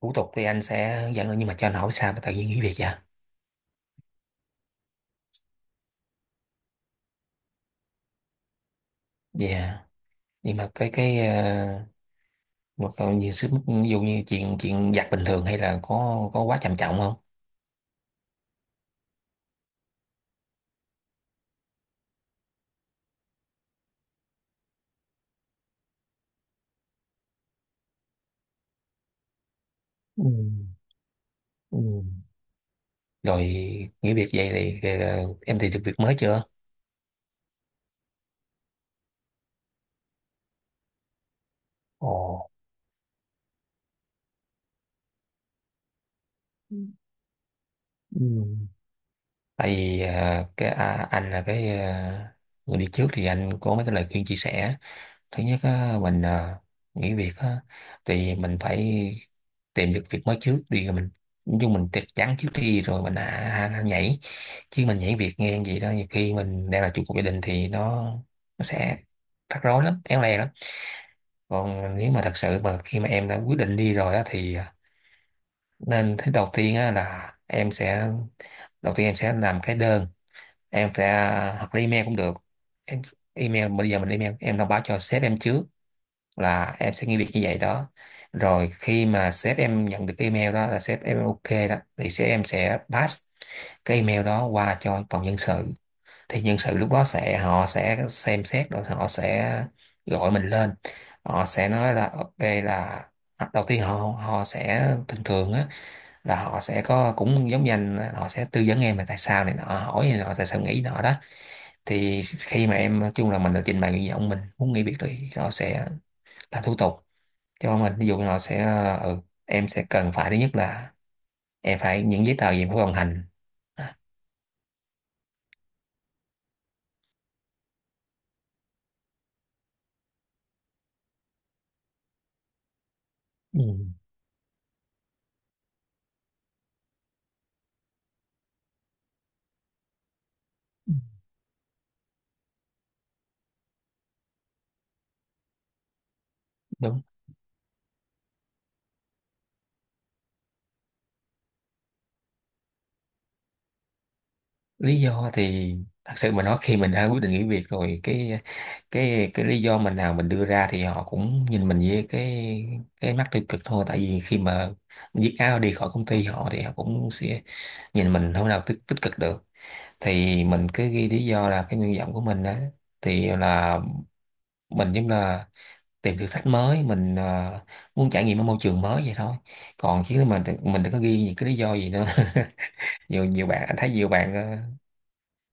Thủ tục thì anh sẽ hướng dẫn được, nhưng mà cho anh hỏi sao mà tự nhiên nghỉ việc vậy? Dạ, nhưng mà một cái nhiều sức mức, ví dụ như chuyện chuyện giặt bình thường hay là có quá trầm trọng không? Ừ. Ừ. Rồi nghỉ việc vậy thì em tìm được việc mới chưa? Ồ. Ừ. Tại vì cái anh là người đi trước thì anh có mấy cái lời khuyên chia sẻ. Thứ nhất á, nghỉ việc á, thì mình phải tìm được việc mới trước đi rồi mình, nhưng mình chắc chắn trước đi rồi mình nhảy. Chứ mình nhảy việc nghe vậy đó, nhiều khi mình đang là trụ cột gia đình thì nó sẽ rắc rối lắm, éo le lắm. Còn nếu mà thật sự mà khi mà em đã quyết định đi rồi á, thì nên thứ đầu tiên á, là em sẽ đầu tiên em sẽ làm cái đơn, em sẽ hoặc là email cũng được. Em email, bây giờ mình email, em thông báo cho sếp em trước là em sẽ nghĩ việc như vậy đó. Rồi khi mà sếp em nhận được cái email đó, là sếp em ok đó thì sếp em sẽ pass cái email đó qua cho phòng nhân sự. Thì nhân sự lúc đó sẽ họ sẽ xem xét, rồi họ sẽ gọi mình lên, họ sẽ nói là ok, là đầu tiên họ họ sẽ thường thường á, là họ sẽ có cũng giống như anh, họ sẽ tư vấn em là tại sao này nọ, hỏi này nọ tại sao nghĩ nọ đó. Thì khi mà em nói chung là mình đã trình bày nguyện vọng mình muốn nghỉ việc thì họ sẽ làm thủ tục. Chứ không mình ví dụ như họ sẽ em sẽ cần phải thứ nhất là em phải những giấy tờ gì em phải hoàn thành. Ừ, đúng. Lý do thì thật sự mà nói, khi mình đã quyết định nghỉ việc rồi, cái cái lý do mình nào mình đưa ra thì họ cũng nhìn mình với cái mắt tiêu cực thôi. Tại vì khi mà viết áo đi khỏi công ty họ thì họ cũng sẽ nhìn mình không nào tích cực được. Thì mình cứ ghi lý do là cái nguyện vọng của mình đó, thì là mình giống là tìm thử thách mới, mình muốn trải nghiệm ở môi trường mới vậy thôi. Còn chứ mình đừng có ghi những cái lý do gì nữa. nhiều nhiều bạn anh thấy,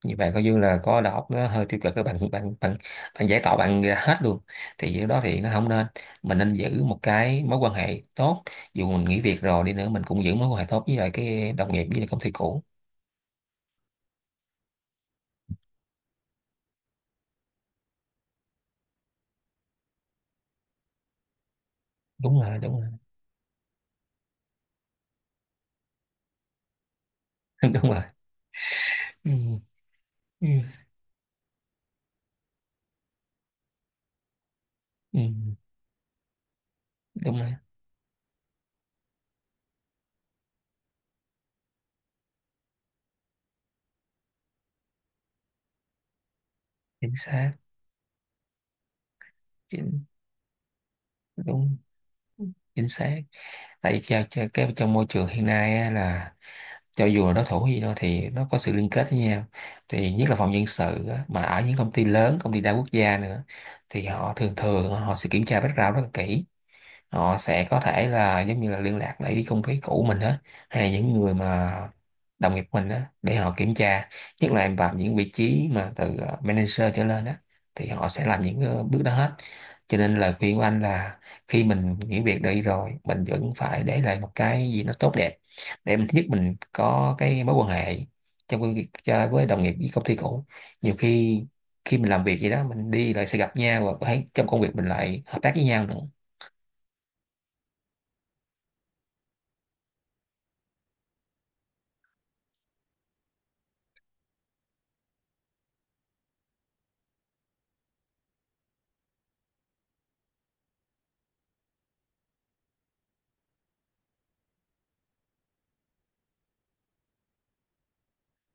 nhiều bạn coi như là có đầu óc nó hơi tiêu cực, các bạn bạn giải tỏa bạn ra hết luôn. Thì điều đó thì nó không nên. Mình nên giữ một cái mối quan hệ tốt, dù mình nghỉ việc rồi đi nữa mình cũng giữ mối quan hệ tốt với lại cái đồng nghiệp với lại công ty cũ. Đúng rồi, đúng rồi. Đúng rồi. Ừ, ừ, ừ, đúng rồi. Chính xác. Chính, đúng. Chính xác. Tại vì theo cái trong môi trường hiện nay á, là cho dù là đối thủ gì đó thì nó có sự liên kết với nhau. Thì nhất là phòng nhân sự á, mà ở những công ty lớn, công ty đa quốc gia nữa, thì họ thường thường họ sẽ kiểm tra background rất là kỹ. Họ sẽ có thể là giống như là liên lạc lại với công ty cũ mình á, hay là những người mà đồng nghiệp mình á, để họ kiểm tra. Nhất là em vào những vị trí mà từ manager trở lên á, thì họ sẽ làm những bước đó hết. Cho nên lời khuyên của anh là khi mình nghỉ việc đi rồi mình vẫn phải để lại một cái gì nó tốt đẹp, để mình thứ nhất mình có cái mối quan hệ trong công việc với đồng nghiệp, với công ty cũ. Nhiều khi khi mình làm việc gì đó mình đi lại sẽ gặp nhau, và có thể trong công việc mình lại hợp tác với nhau nữa.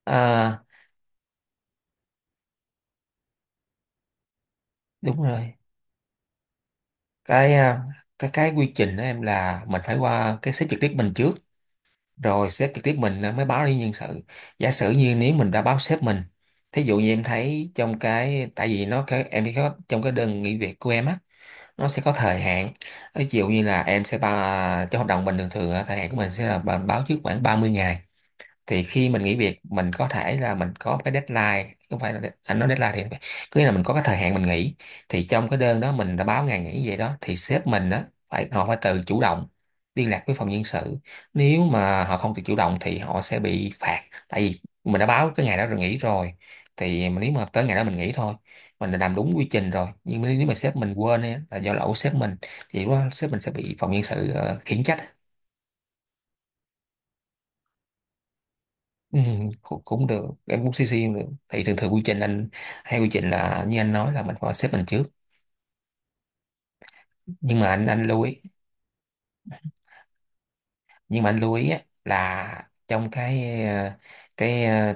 À, đúng rồi. Cái à, cái cái quy trình đó em, là mình phải qua cái sếp trực tiếp mình trước, rồi sếp trực tiếp mình mới báo đi nhân sự. Giả sử như nếu mình đã báo sếp mình, thí dụ như em thấy trong cái, tại vì nó cái em có trong cái đơn nghỉ việc của em á, nó sẽ có thời hạn. Ví dụ như là em sẽ ba, trong hợp đồng mình thường thường á, thời hạn của mình sẽ là báo trước khoảng 30 ngày. Thì khi mình nghỉ việc mình có thể là mình có cái deadline, không phải là anh nói deadline thì cứ là mình có cái thời hạn mình nghỉ. Thì trong cái đơn đó mình đã báo ngày nghỉ vậy đó, thì sếp mình đó phải, họ phải tự chủ động liên lạc với phòng nhân sự. Nếu mà họ không tự chủ động thì họ sẽ bị phạt. Tại vì mình đã báo cái ngày đó rồi, nghỉ rồi, thì mà nếu mà tới ngày đó mình nghỉ thôi, mình đã làm đúng quy trình rồi, nhưng mà nếu mà sếp mình quên ấy, là do lỗi của sếp mình, thì lúc đó sếp mình sẽ bị phòng nhân sự khiển trách. Ừ, cũng được, em cũng CC cũng được. Thì thường thường quy trình anh hay quy trình là như anh nói là mình phải xếp mình trước, nhưng mà anh lưu ý, nhưng mà anh lưu ý á, là trong cái ờ,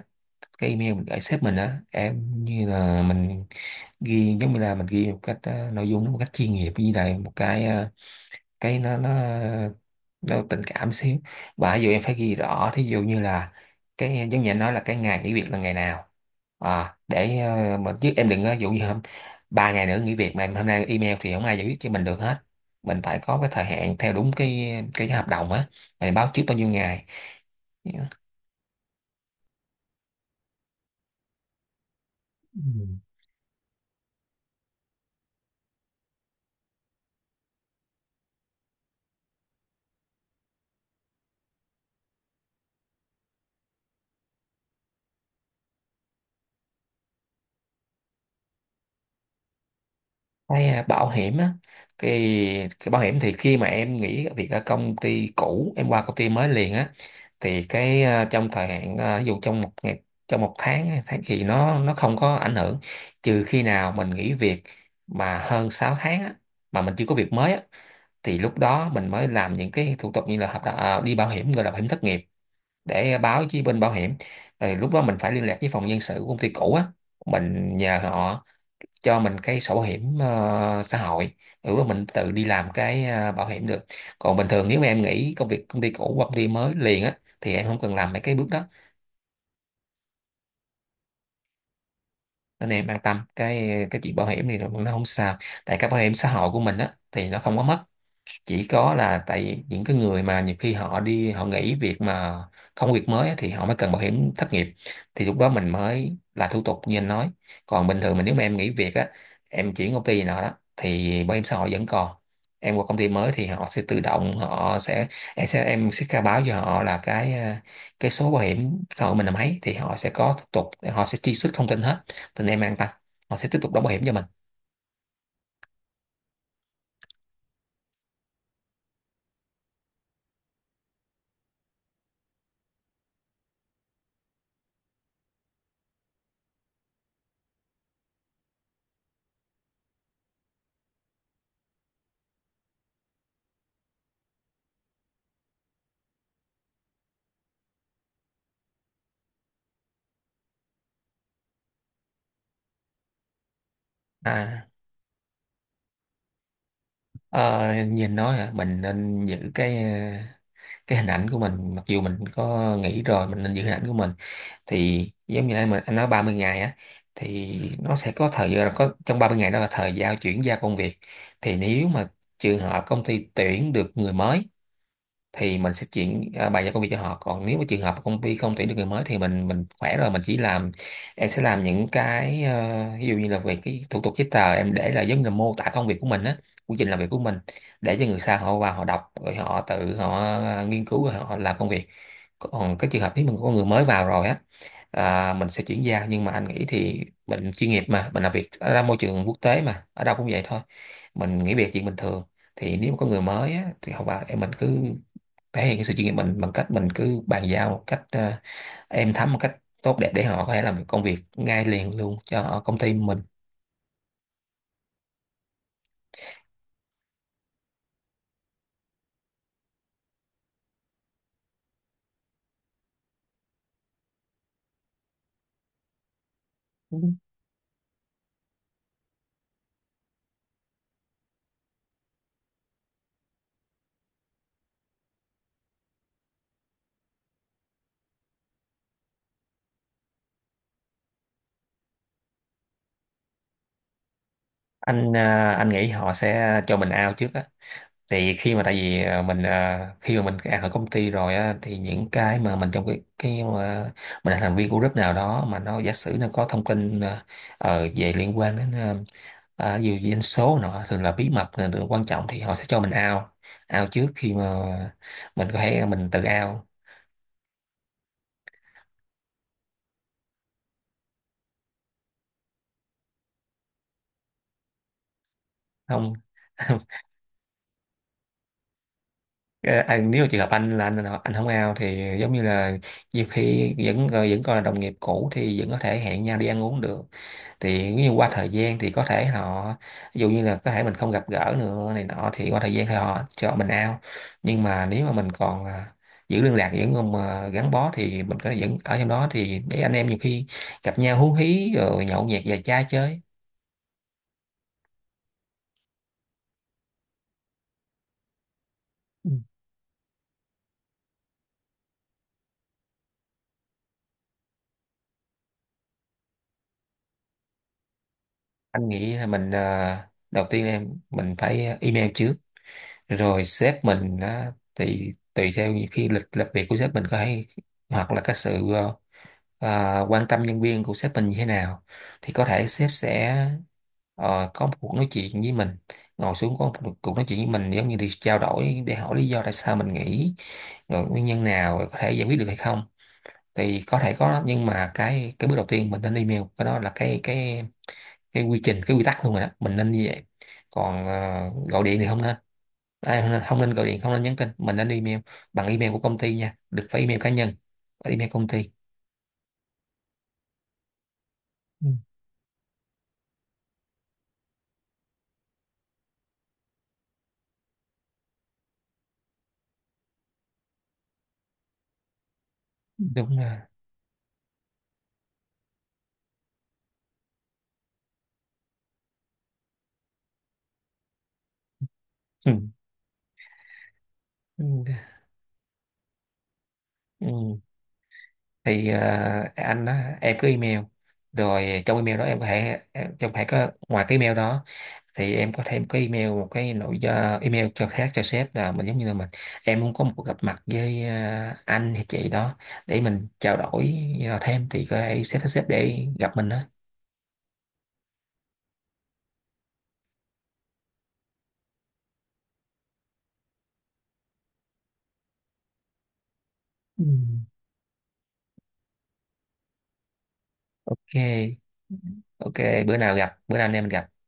cái email mình gửi sếp mình á, em như là mình ghi giống như là mình ghi nội dung nó một cách chuyên nghiệp, như là một cái nó nó tình cảm xíu. Và ví dụ em phải ghi rõ, thí dụ như là cái giống như anh nói là cái ngày nghỉ việc là ngày nào. À để ờ, mà Chứ em đừng, dụ như hôm ba ngày nữa nghỉ việc mà em hôm nay email thì không ai giải quyết cho mình được hết. Mình phải có cái thời hạn theo đúng cái hợp đồng á, mình báo trước bao nhiêu ngày. Ừ. Bảo hiểm á, thì cái bảo hiểm thì khi mà em nghỉ việc ở công ty cũ em qua công ty mới liền á, thì trong thời hạn, ví dụ trong một ngày, trong một tháng hay tháng thì nó không có ảnh hưởng. Trừ khi nào mình nghỉ việc mà hơn 6 tháng á, mà mình chưa có việc mới á, thì lúc đó mình mới làm những cái thủ tục như là hợp đồng, đi bảo hiểm, gọi là bảo hiểm thất nghiệp, để báo với bên bảo hiểm. Rồi lúc đó mình phải liên lạc với phòng nhân sự của công ty cũ á, mình nhờ họ cho mình cái sổ hiểm xã hội. Ừ, mình tự đi làm cái bảo hiểm được. Còn bình thường nếu mà em nghỉ công việc công ty cũ hoặc công ty mới liền á thì em không cần làm mấy cái bước đó. Nên em an tâm, cái chuyện bảo hiểm thì nó không sao. Tại cái bảo hiểm xã hội của mình á thì nó không có mất. Chỉ có là tại những cái người mà nhiều khi họ đi họ nghỉ việc mà không có việc mới á, thì họ mới cần bảo hiểm thất nghiệp, thì lúc đó mình mới là thủ tục như anh nói. Còn bình thường mình, nếu mà em nghỉ việc á, em chuyển công ty nào đó, thì bảo hiểm xã hội vẫn còn. Em qua công ty mới thì họ sẽ tự động họ sẽ, em sẽ khai báo cho họ là cái số bảo hiểm xã hội mình là mấy, thì họ sẽ có thủ tục, họ sẽ truy xuất thông tin hết. Nên em an tâm, họ sẽ tiếp tục đóng bảo hiểm cho mình. À, ờ, nhìn nói hả, mình nên giữ cái hình ảnh của mình, mặc dù mình có nghĩ rồi mình nên giữ hình ảnh của mình. Thì giống như anh nói 30 ngày á, thì nó sẽ có thời gian, có trong 30 ngày đó là thời gian chuyển giao công việc. Thì nếu mà trường hợp công ty tuyển được người mới thì mình sẽ chuyển, bài giao công việc cho họ. Còn nếu mà trường hợp công ty không tuyển được người mới thì mình khỏe rồi mình chỉ làm em sẽ làm những cái ví dụ như là về cái thủ tục giấy tờ em để là giống như là mô tả công việc của mình á, quy trình làm việc của mình để cho người sau họ vào họ đọc rồi họ tự họ nghiên cứu rồi họ làm công việc. Còn cái trường hợp nếu mình có người mới vào rồi á, mình sẽ chuyển giao, nhưng mà anh nghĩ thì mình chuyên nghiệp, mà mình làm việc ở môi trường quốc tế mà ở đâu cũng vậy thôi, mình nghỉ việc chuyện bình thường. Thì nếu mà có người mới á, thì không vào em mình cứ thể hiện cái sự chuyên nghiệp mình bằng cách mình cứ bàn giao một cách êm thấm, một cách tốt đẹp để họ có thể làm được công việc ngay liền luôn cho ở công ty mình. Anh anh nghĩ họ sẽ cho mình out trước á, thì khi mà tại vì mình khi mà mình out ở công ty rồi á, thì những cái mà mình trong cái mà mình là thành viên của group nào đó, mà nó giả sử nó có thông tin về liên quan đến dù gì anh số nọ thường là bí mật, là điều quan trọng, thì họ sẽ cho mình out, out trước khi mà mình có thể mình tự out. Không. Không. Nếu trường hợp anh là anh không ao thì giống như là nhiều khi vẫn vẫn còn là đồng nghiệp cũ thì vẫn có thể hẹn nhau đi ăn uống được. Thì nếu như qua thời gian thì có thể họ, ví dụ như là có thể mình không gặp gỡ nữa này nọ, thì qua thời gian thì họ cho mình ao. Nhưng mà nếu mà mình còn giữ liên lạc vẫn còn mà gắn bó thì mình có thể vẫn ở trong đó, thì để anh em nhiều khi gặp nhau hú hí rồi nhậu nhẹt và chai chơi. Ừ. Anh nghĩ là mình đầu tiên là em mình phải email trước, rồi sếp mình á, thì tùy theo những khi lịch làm việc của sếp mình có hay hoặc là cái sự quan tâm nhân viên của sếp mình như thế nào, thì có thể sếp sẽ có một cuộc nói chuyện với mình, ngồi xuống có một cuộc nói chuyện với mình giống như đi trao đổi để hỏi lý do tại sao mình nghỉ, rồi nguyên nhân nào, rồi có thể giải quyết được hay không. Thì có thể có, nhưng mà cái bước đầu tiên mình nên email, cái đó là cái cái quy trình, cái quy tắc luôn rồi đó, mình nên như vậy. Còn gọi điện thì không nên. À, không nên gọi điện, không nên nhắn tin, mình nên email, bằng email của công ty nha, đừng phải email cá nhân, phải email công ty. Ừ. Đúng là ừ. Ừ. Ừ. thì ờ, anh á, em cứ email, rồi trong email đó em có thể trong phải có ngoài cái email đó thì em có thêm cái email, một cái nội do email cho khác cho sếp, là mình giống như là mình em muốn có một cuộc gặp mặt với anh hay chị đó để mình trao đổi thêm, thì có thể sếp sếp để gặp mình đó. Ừ. OK. OK, bữa nào gặp, bữa nào anh em mình gặp.